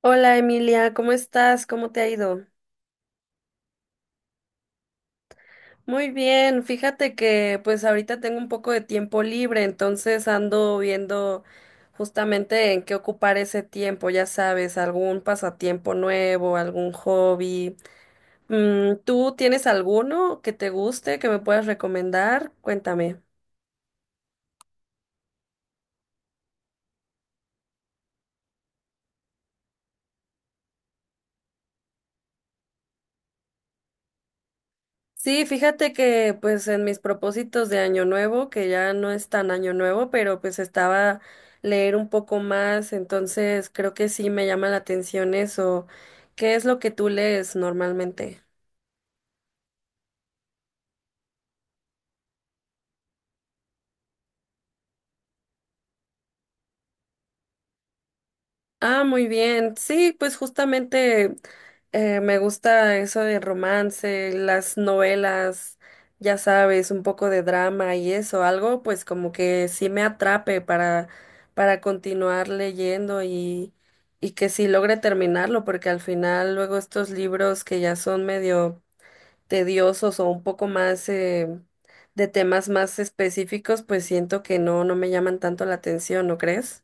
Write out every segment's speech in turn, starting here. Hola Emilia, ¿cómo estás? ¿Cómo te ha ido? Muy bien, fíjate que pues ahorita tengo un poco de tiempo libre, entonces ando viendo justamente en qué ocupar ese tiempo, ya sabes, algún pasatiempo nuevo, algún hobby. ¿Tú tienes alguno que te guste, que me puedas recomendar? Cuéntame. Sí, fíjate que pues en mis propósitos de año nuevo, que ya no es tan año nuevo, pero pues estaba leer un poco más, entonces creo que sí me llama la atención eso. ¿Qué es lo que tú lees normalmente? Ah, muy bien. Sí, pues justamente me gusta eso de romance, las novelas, ya sabes, un poco de drama y eso, algo pues como que sí me atrape para continuar leyendo y que sí logre terminarlo, porque al final luego estos libros que ya son medio tediosos o un poco más de temas más específicos, pues siento que no, no me llaman tanto la atención, ¿no crees?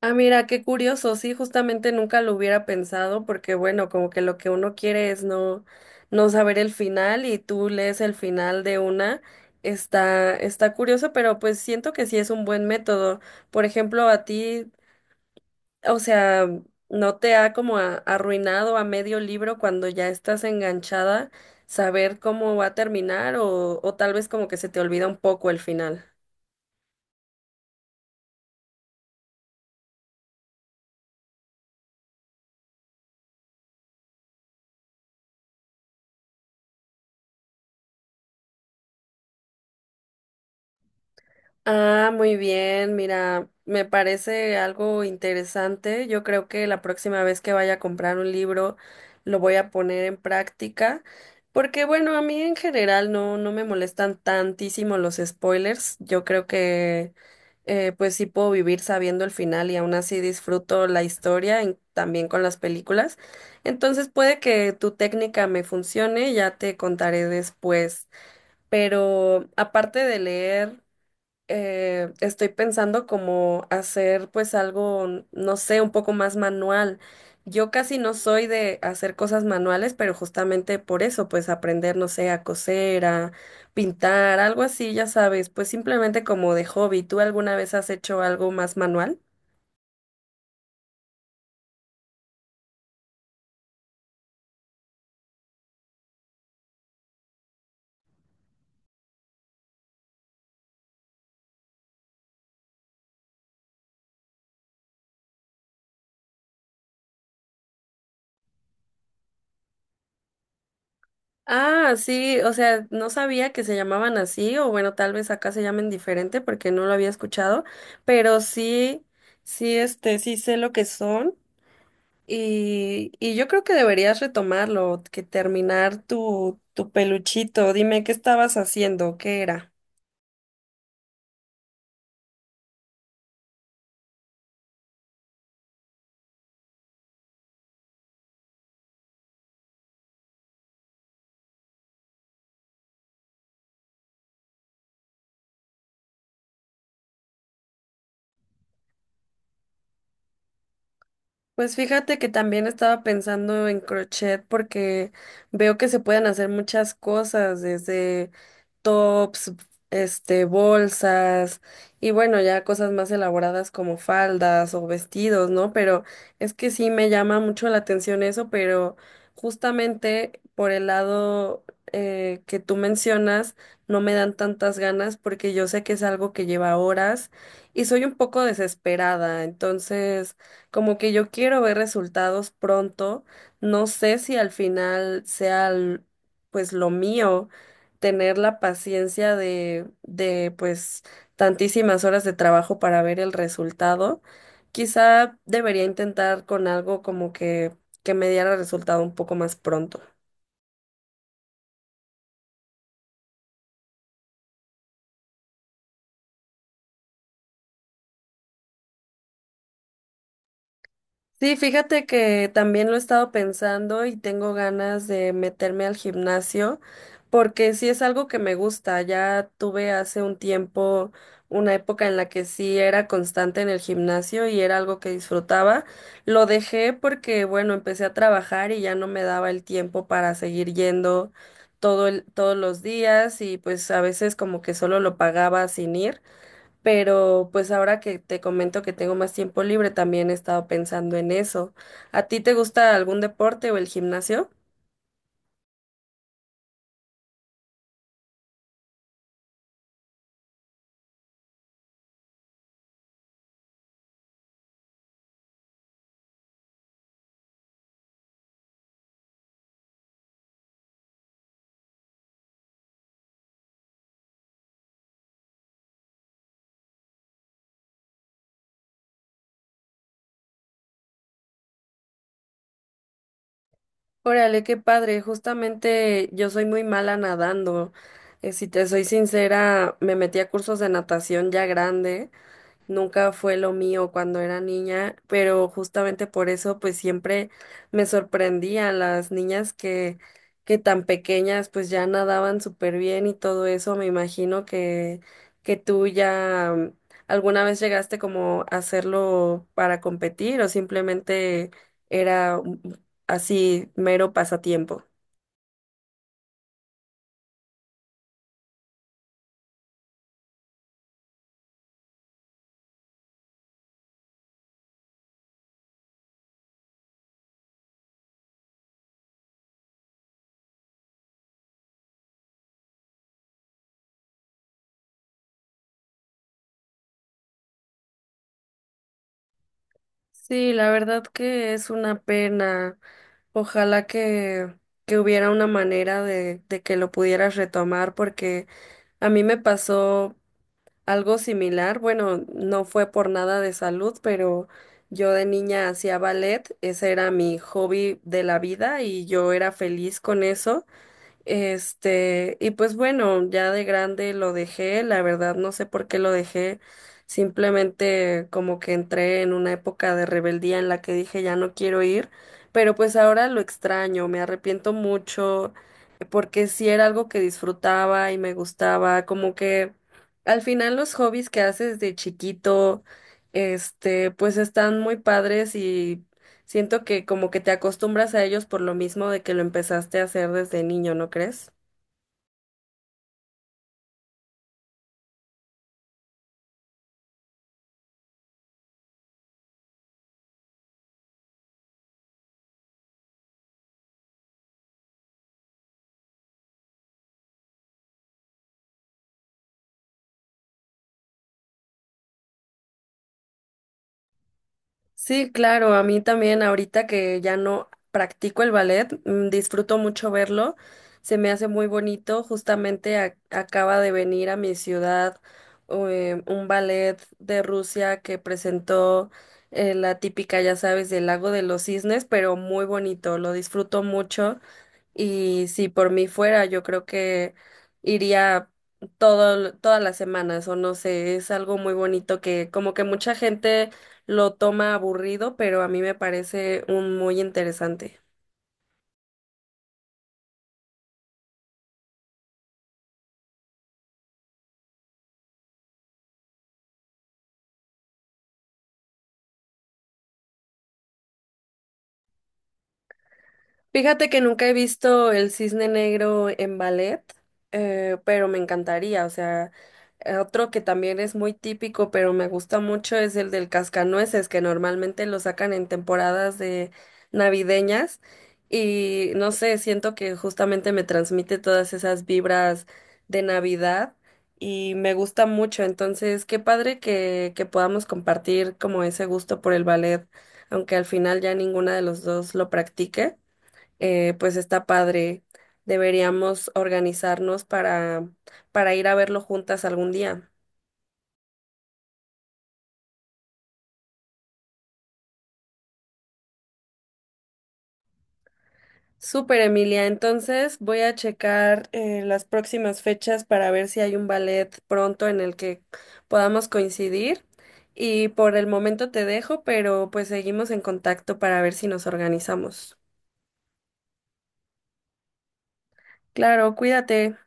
Ah, mira, qué curioso. Sí, justamente nunca lo hubiera pensado porque, bueno, como que lo que uno quiere es no, no saber el final y tú lees el final de una. Está curioso, pero pues siento que sí es un buen método. Por ejemplo, a ti, o sea, ¿no te ha como arruinado a medio libro cuando ya estás enganchada saber cómo va a terminar o tal vez como que se te olvida un poco el final? Ah, muy bien, mira, me parece algo interesante. Yo creo que la próxima vez que vaya a comprar un libro lo voy a poner en práctica, porque bueno, a mí en general no, no me molestan tantísimo los spoilers. Yo creo que pues sí puedo vivir sabiendo el final y aún así disfruto la historia también con las películas. Entonces puede que tu técnica me funcione, ya te contaré después. Pero aparte de leer estoy pensando como hacer pues algo, no sé, un poco más manual. Yo casi no soy de hacer cosas manuales, pero justamente por eso, pues aprender, no sé, a coser, a pintar, algo así, ya sabes, pues simplemente como de hobby. ¿Tú alguna vez has hecho algo más manual? Ah, sí, o sea, no sabía que se llamaban así, o bueno, tal vez acá se llamen diferente porque no lo había escuchado, pero sí, sí, este, sí sé lo que son. Y yo creo que deberías retomarlo, que terminar tu peluchito. Dime, ¿qué estabas haciendo? ¿Qué era? Pues fíjate que también estaba pensando en crochet porque veo que se pueden hacer muchas cosas, desde tops, este, bolsas y bueno, ya cosas más elaboradas como faldas o vestidos, ¿no? Pero es que sí me llama mucho la atención eso, pero justamente por el lado que tú mencionas, no me dan tantas ganas porque yo sé que es algo que lleva horas y soy un poco desesperada, entonces... Como que yo quiero ver resultados pronto. No sé si al final sea pues lo mío tener la paciencia de pues tantísimas horas de trabajo para ver el resultado. Quizá debería intentar con algo como que me diera resultado un poco más pronto. Sí, fíjate que también lo he estado pensando y tengo ganas de meterme al gimnasio porque sí es algo que me gusta. Ya tuve hace un tiempo una época en la que sí era constante en el gimnasio y era algo que disfrutaba. Lo dejé porque, bueno, empecé a trabajar y ya no me daba el tiempo para seguir yendo todos los días y pues a veces como que solo lo pagaba sin ir. Pero pues ahora que te comento que tengo más tiempo libre, también he estado pensando en eso. ¿A ti te gusta algún deporte o el gimnasio? Órale, qué padre. Justamente yo soy muy mala nadando. Si te soy sincera, me metí a cursos de natación ya grande, nunca fue lo mío cuando era niña, pero justamente por eso pues siempre me sorprendían las niñas que tan pequeñas pues ya nadaban súper bien y todo eso. Me imagino que tú ya alguna vez llegaste como a hacerlo para competir o simplemente era así mero pasatiempo. Sí, la verdad que es una pena. Ojalá que hubiera una manera de que lo pudieras retomar, porque a mí me pasó algo similar. Bueno, no fue por nada de salud, pero yo de niña hacía ballet, ese era mi hobby de la vida y yo era feliz con eso. Este, y pues bueno, ya de grande lo dejé, la verdad no sé por qué lo dejé, simplemente como que entré en una época de rebeldía en la que dije ya no quiero ir, pero pues ahora lo extraño, me arrepiento mucho, porque sí era algo que disfrutaba y me gustaba, como que al final los hobbies que haces de chiquito, este, pues están muy padres y siento que como que te acostumbras a ellos por lo mismo de que lo empezaste a hacer desde niño, ¿no crees? Sí, claro, a mí también ahorita que ya no practico el ballet, disfruto mucho verlo, se me hace muy bonito, justamente acaba de venir a mi ciudad un ballet de Rusia que presentó la típica, ya sabes, del Lago de los Cisnes, pero muy bonito, lo disfruto mucho. Y si por mí fuera, yo creo que iría todas las semanas, o no sé, es algo muy bonito que como que mucha gente lo toma aburrido, pero a mí me parece un muy interesante. Fíjate que nunca he visto el cisne negro en ballet, pero me encantaría. O sea, otro que también es muy típico, pero me gusta mucho es el del cascanueces, que normalmente lo sacan en temporadas de navideñas. Y no sé, siento que justamente me transmite todas esas vibras de Navidad y me gusta mucho. Entonces, qué padre que podamos compartir como ese gusto por el ballet, aunque al final ya ninguna de los dos lo practique, pues está padre. Deberíamos organizarnos para ir a verlo juntas algún día. Súper, Emilia. Entonces voy a checar las próximas fechas para ver si hay un ballet pronto en el que podamos coincidir. Y por el momento te dejo, pero pues seguimos en contacto para ver si nos organizamos. Claro, cuídate.